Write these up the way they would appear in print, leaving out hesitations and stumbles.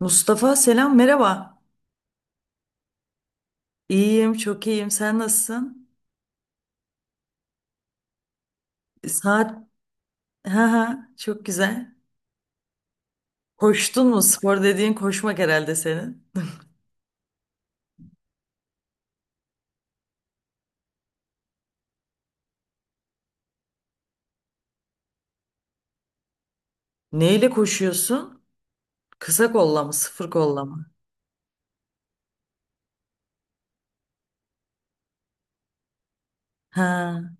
Mustafa selam merhaba. İyiyim, çok iyiyim, sen nasılsın? Saat ha çok güzel. Koştun mu? Spor dediğin koşmak herhalde senin. Neyle koşuyorsun? Kısa kolla mı, sıfır kolla mı? Ha,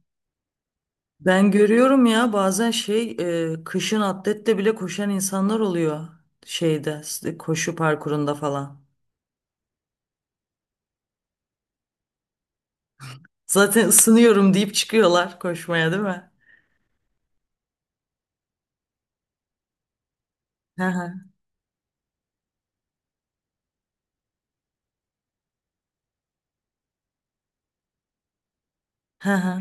ben görüyorum ya bazen kışın atletle bile koşan insanlar oluyor, koşu parkurunda falan. Zaten ısınıyorum deyip çıkıyorlar koşmaya, değil mi? Ha ha, ha ha.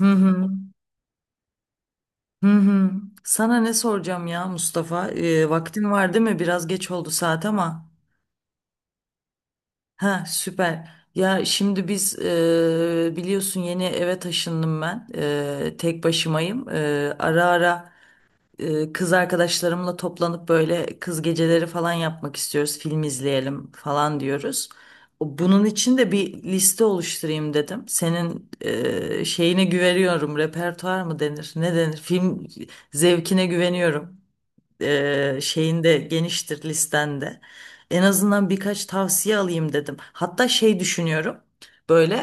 Hı hı. Hı hı. Sana ne soracağım ya Mustafa? Vaktin var değil mi? Biraz geç oldu saat ama. Ha, süper. Ya şimdi biz, biliyorsun, yeni eve taşındım ben. E, tek başımayım. E, ara ara kız arkadaşlarımla toplanıp böyle kız geceleri falan yapmak istiyoruz. Film izleyelim falan diyoruz. Bunun için de bir liste oluşturayım dedim. Senin şeyine güveniyorum. Repertuar mı denir? Ne denir? Film zevkine güveniyorum, şeyinde, geniştir listende. En azından birkaç tavsiye alayım dedim. Hatta şey düşünüyorum. Böyle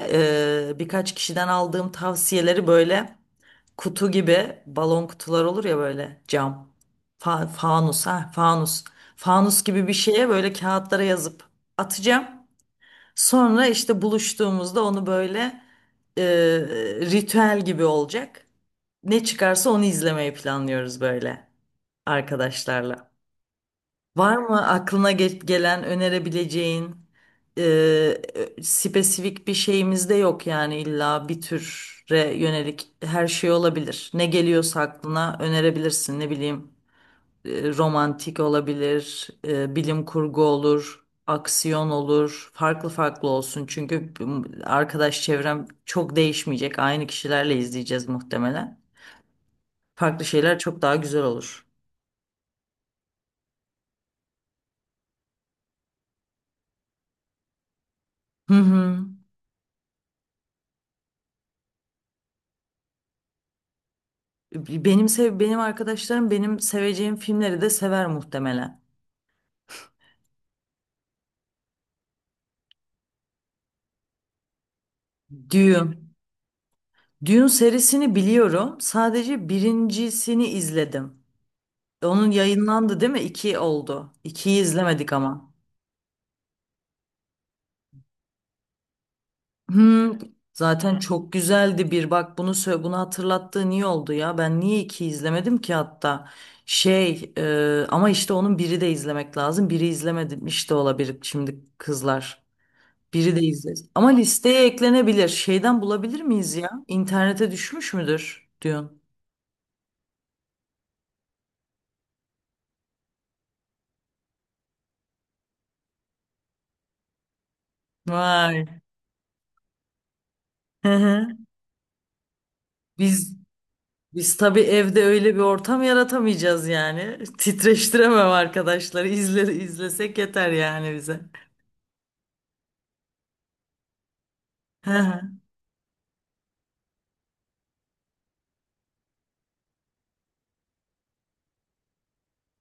birkaç kişiden aldığım tavsiyeleri böyle, kutu gibi, balon kutular olur ya böyle, cam. Fanus, fanus. Fanus gibi bir şeye böyle, kağıtlara yazıp atacağım. Sonra işte buluştuğumuzda onu böyle e, ritüel gibi olacak. Ne çıkarsa onu izlemeyi planlıyoruz böyle, arkadaşlarla. Var mı aklına gelen önerebileceğin? e, Spesifik bir şeyimiz de yok yani, illa bir türe yönelik, her şey olabilir. Ne geliyorsa aklına önerebilirsin. Ne bileyim, e, romantik olabilir, e, bilim kurgu olur, aksiyon olur. Farklı farklı olsun çünkü arkadaş çevrem çok değişmeyecek. Aynı kişilerle izleyeceğiz muhtemelen. Farklı şeyler çok daha güzel olur. Hı hı. Benim arkadaşlarım benim seveceğim filmleri de sever muhtemelen. Dune. Dune serisini biliyorum. Sadece birincisini izledim. Onun yayınlandı değil mi? İki oldu. İkiyi izlemedik ama. Hmm, zaten çok güzeldi bir. Bunu hatırlattığın iyi oldu ya. Ben niye iki izlemedim ki hatta? Şey, ama işte onun biri de izlemek lazım. Biri izlemedim işte, olabilir şimdi kızlar. Biri de izleriz. Ama listeye eklenebilir. Şeyden bulabilir miyiz ya? İnternete düşmüş müdür diyorsun. Vay. Hı hı. Biz biz tabii evde öyle bir ortam yaratamayacağız yani. Titreştiremem arkadaşları. İzlesek yeter yani bize. Hı hı.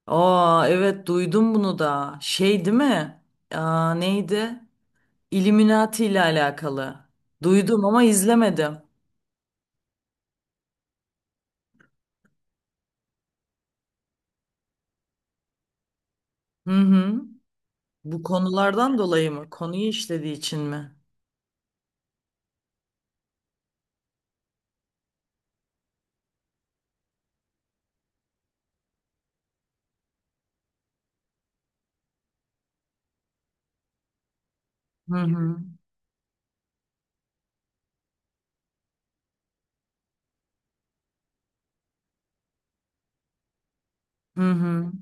Aa, evet, duydum bunu da. Şey değil mi? Aa, neydi? Illuminati ile alakalı. Duydum ama izlemedim. Hı hı. Bu konulardan dolayı mı? Konuyu işlediği için mi? Hı hı. Hı hı.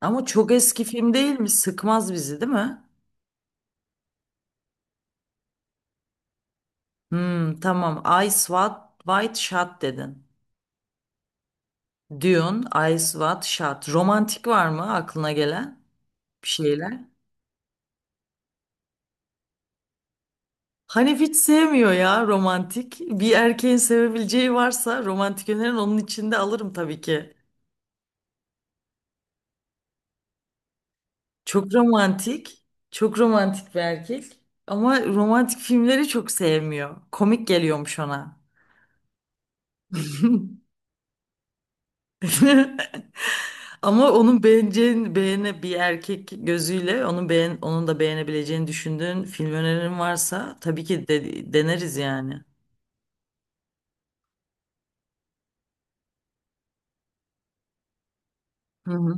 Ama çok eski film değil mi? Sıkmaz bizi, değil mi? Hmm, tamam. Ice White, White Shot dedin. Dune, Ice White Shot. Romantik var mı aklına gelen bir şeyler? Hanif hiç sevmiyor ya romantik. Bir erkeğin sevebileceği varsa romantik önerin, onun içinde alırım tabii ki. Çok romantik. Çok romantik bir erkek. Ama romantik filmleri çok sevmiyor. Komik geliyormuş ona. Ama onun beğeneceğin beğene bir erkek gözüyle onun onun da beğenebileceğini düşündüğün film önerin varsa tabii ki deneriz yani. Hı hı.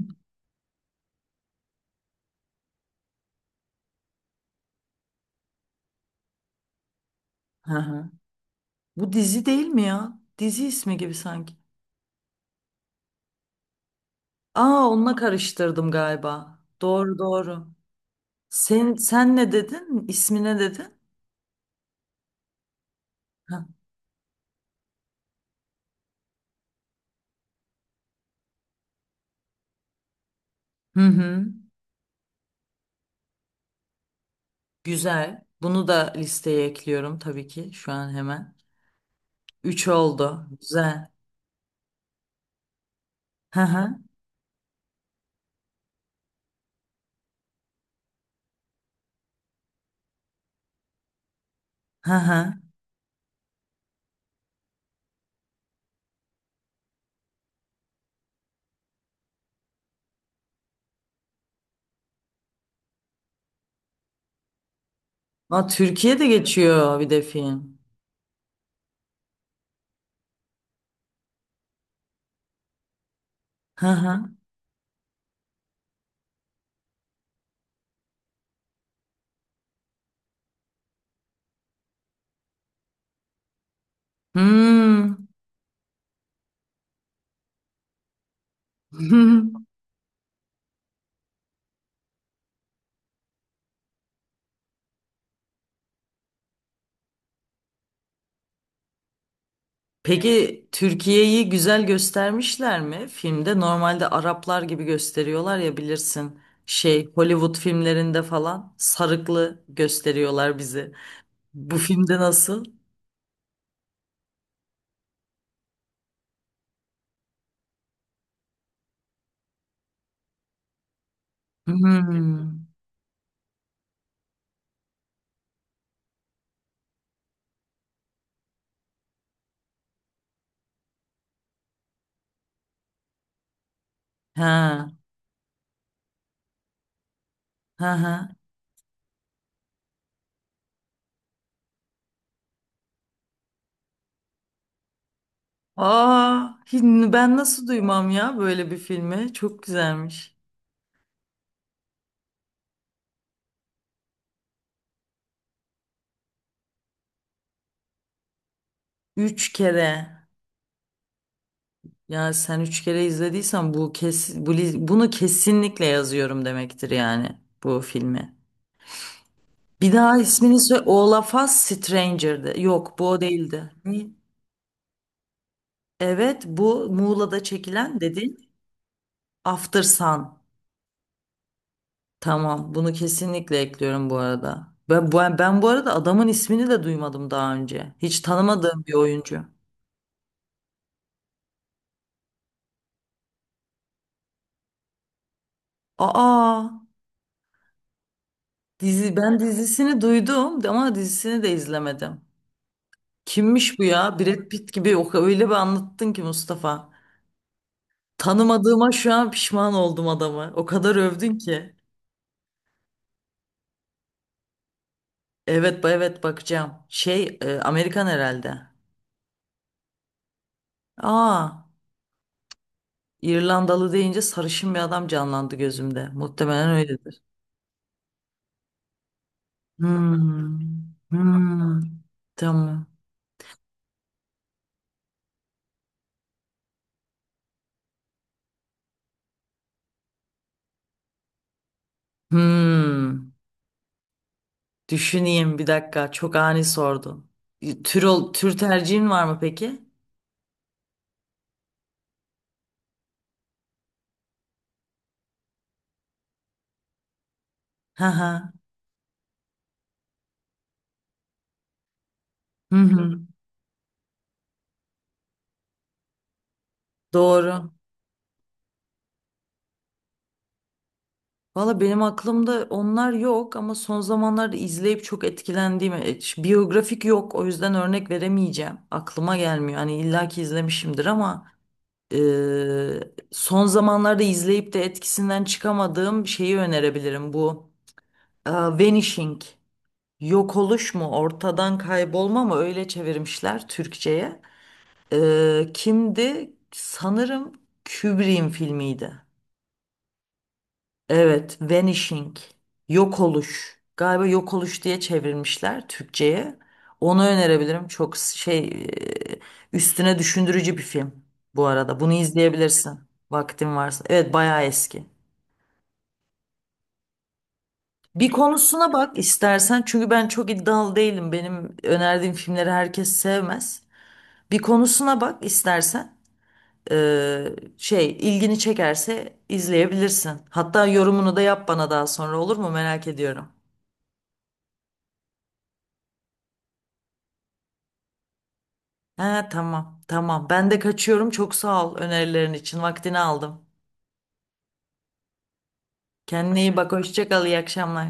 Hı hı. Bu dizi değil mi ya? Dizi ismi gibi sanki. Aa, onunla karıştırdım galiba. Doğru, doğru. Sen ne dedin? İsmi ne dedin? Ha. Hı hı. Güzel. Bunu da listeye ekliyorum tabii ki şu an hemen. Üç oldu. Güzel. Hı hı. Hı hı. Aa, Türkiye'de geçiyor bir de film. Hı hı. Hmm. Peki Türkiye'yi güzel göstermişler mi filmde? Normalde Araplar gibi gösteriyorlar ya, bilirsin. Şey, Hollywood filmlerinde falan sarıklı gösteriyorlar bizi. Bu filmde nasıl? Hmm. Ha. Ha ha. Aa, ben nasıl duymam ya böyle bir filmi? Çok güzelmiş. Üç kere. Ya sen üç kere izlediysen bu bunu kesinlikle yazıyorum demektir yani, bu filmi. Bir daha ismini söyle. Olaf Us Stranger'dı. Yok, bu o değildi. Ne? Evet, bu Muğla'da çekilen, dedin. After Sun. Tamam, bunu kesinlikle ekliyorum bu arada. Ben bu arada adamın ismini de duymadım daha önce. Hiç tanımadığım bir oyuncu. Aa, dizi, ben dizisini duydum ama dizisini de izlemedim. Kimmiş bu ya? Brad Pitt gibi, o öyle bir anlattın ki Mustafa. Tanımadığıma şu an pişman oldum adamı. O kadar övdün ki. Evet, evet, bakacağım. Şey, e, Amerikan herhalde. Aa, İrlandalı deyince sarışın bir adam canlandı gözümde. Muhtemelen öyledir. Hmm. Hmm. Tamam. Hmm. Düşüneyim bir dakika. Çok ani sordun. Tür tercihin var mı peki? Hı hı. Hı hı. Doğru. Valla benim aklımda onlar yok ama son zamanlarda izleyip çok etkilendiğim, biyografik yok, o yüzden örnek veremeyeceğim. Aklıma gelmiyor. Hani illaki izlemişimdir ama e, son zamanlarda izleyip de etkisinden çıkamadığım şeyi önerebilirim. Bu Vanishing, yok oluş mu, ortadan kaybolma mı, öyle çevirmişler Türkçe'ye. E, kimdi? Sanırım Kubrick'in filmiydi. Evet, vanishing, yok oluş. Galiba yok oluş diye çevirmişler Türkçe'ye. Onu önerebilirim. Çok şey, üstüne düşündürücü bir film bu arada. Bunu izleyebilirsin vaktin varsa. Evet, bayağı eski. Bir konusuna bak istersen çünkü ben çok iddialı değilim. Benim önerdiğim filmleri herkes sevmez. Bir konusuna bak istersen. Ee, Şey, ilgini çekerse izleyebilirsin. Hatta yorumunu da yap bana daha sonra, olur mu? Merak ediyorum. Ha, tamam tamam. Ben de kaçıyorum. Çok sağ ol önerilerin için. Vaktini aldım. Kendine iyi bak. Hoşça kal. İyi akşamlar.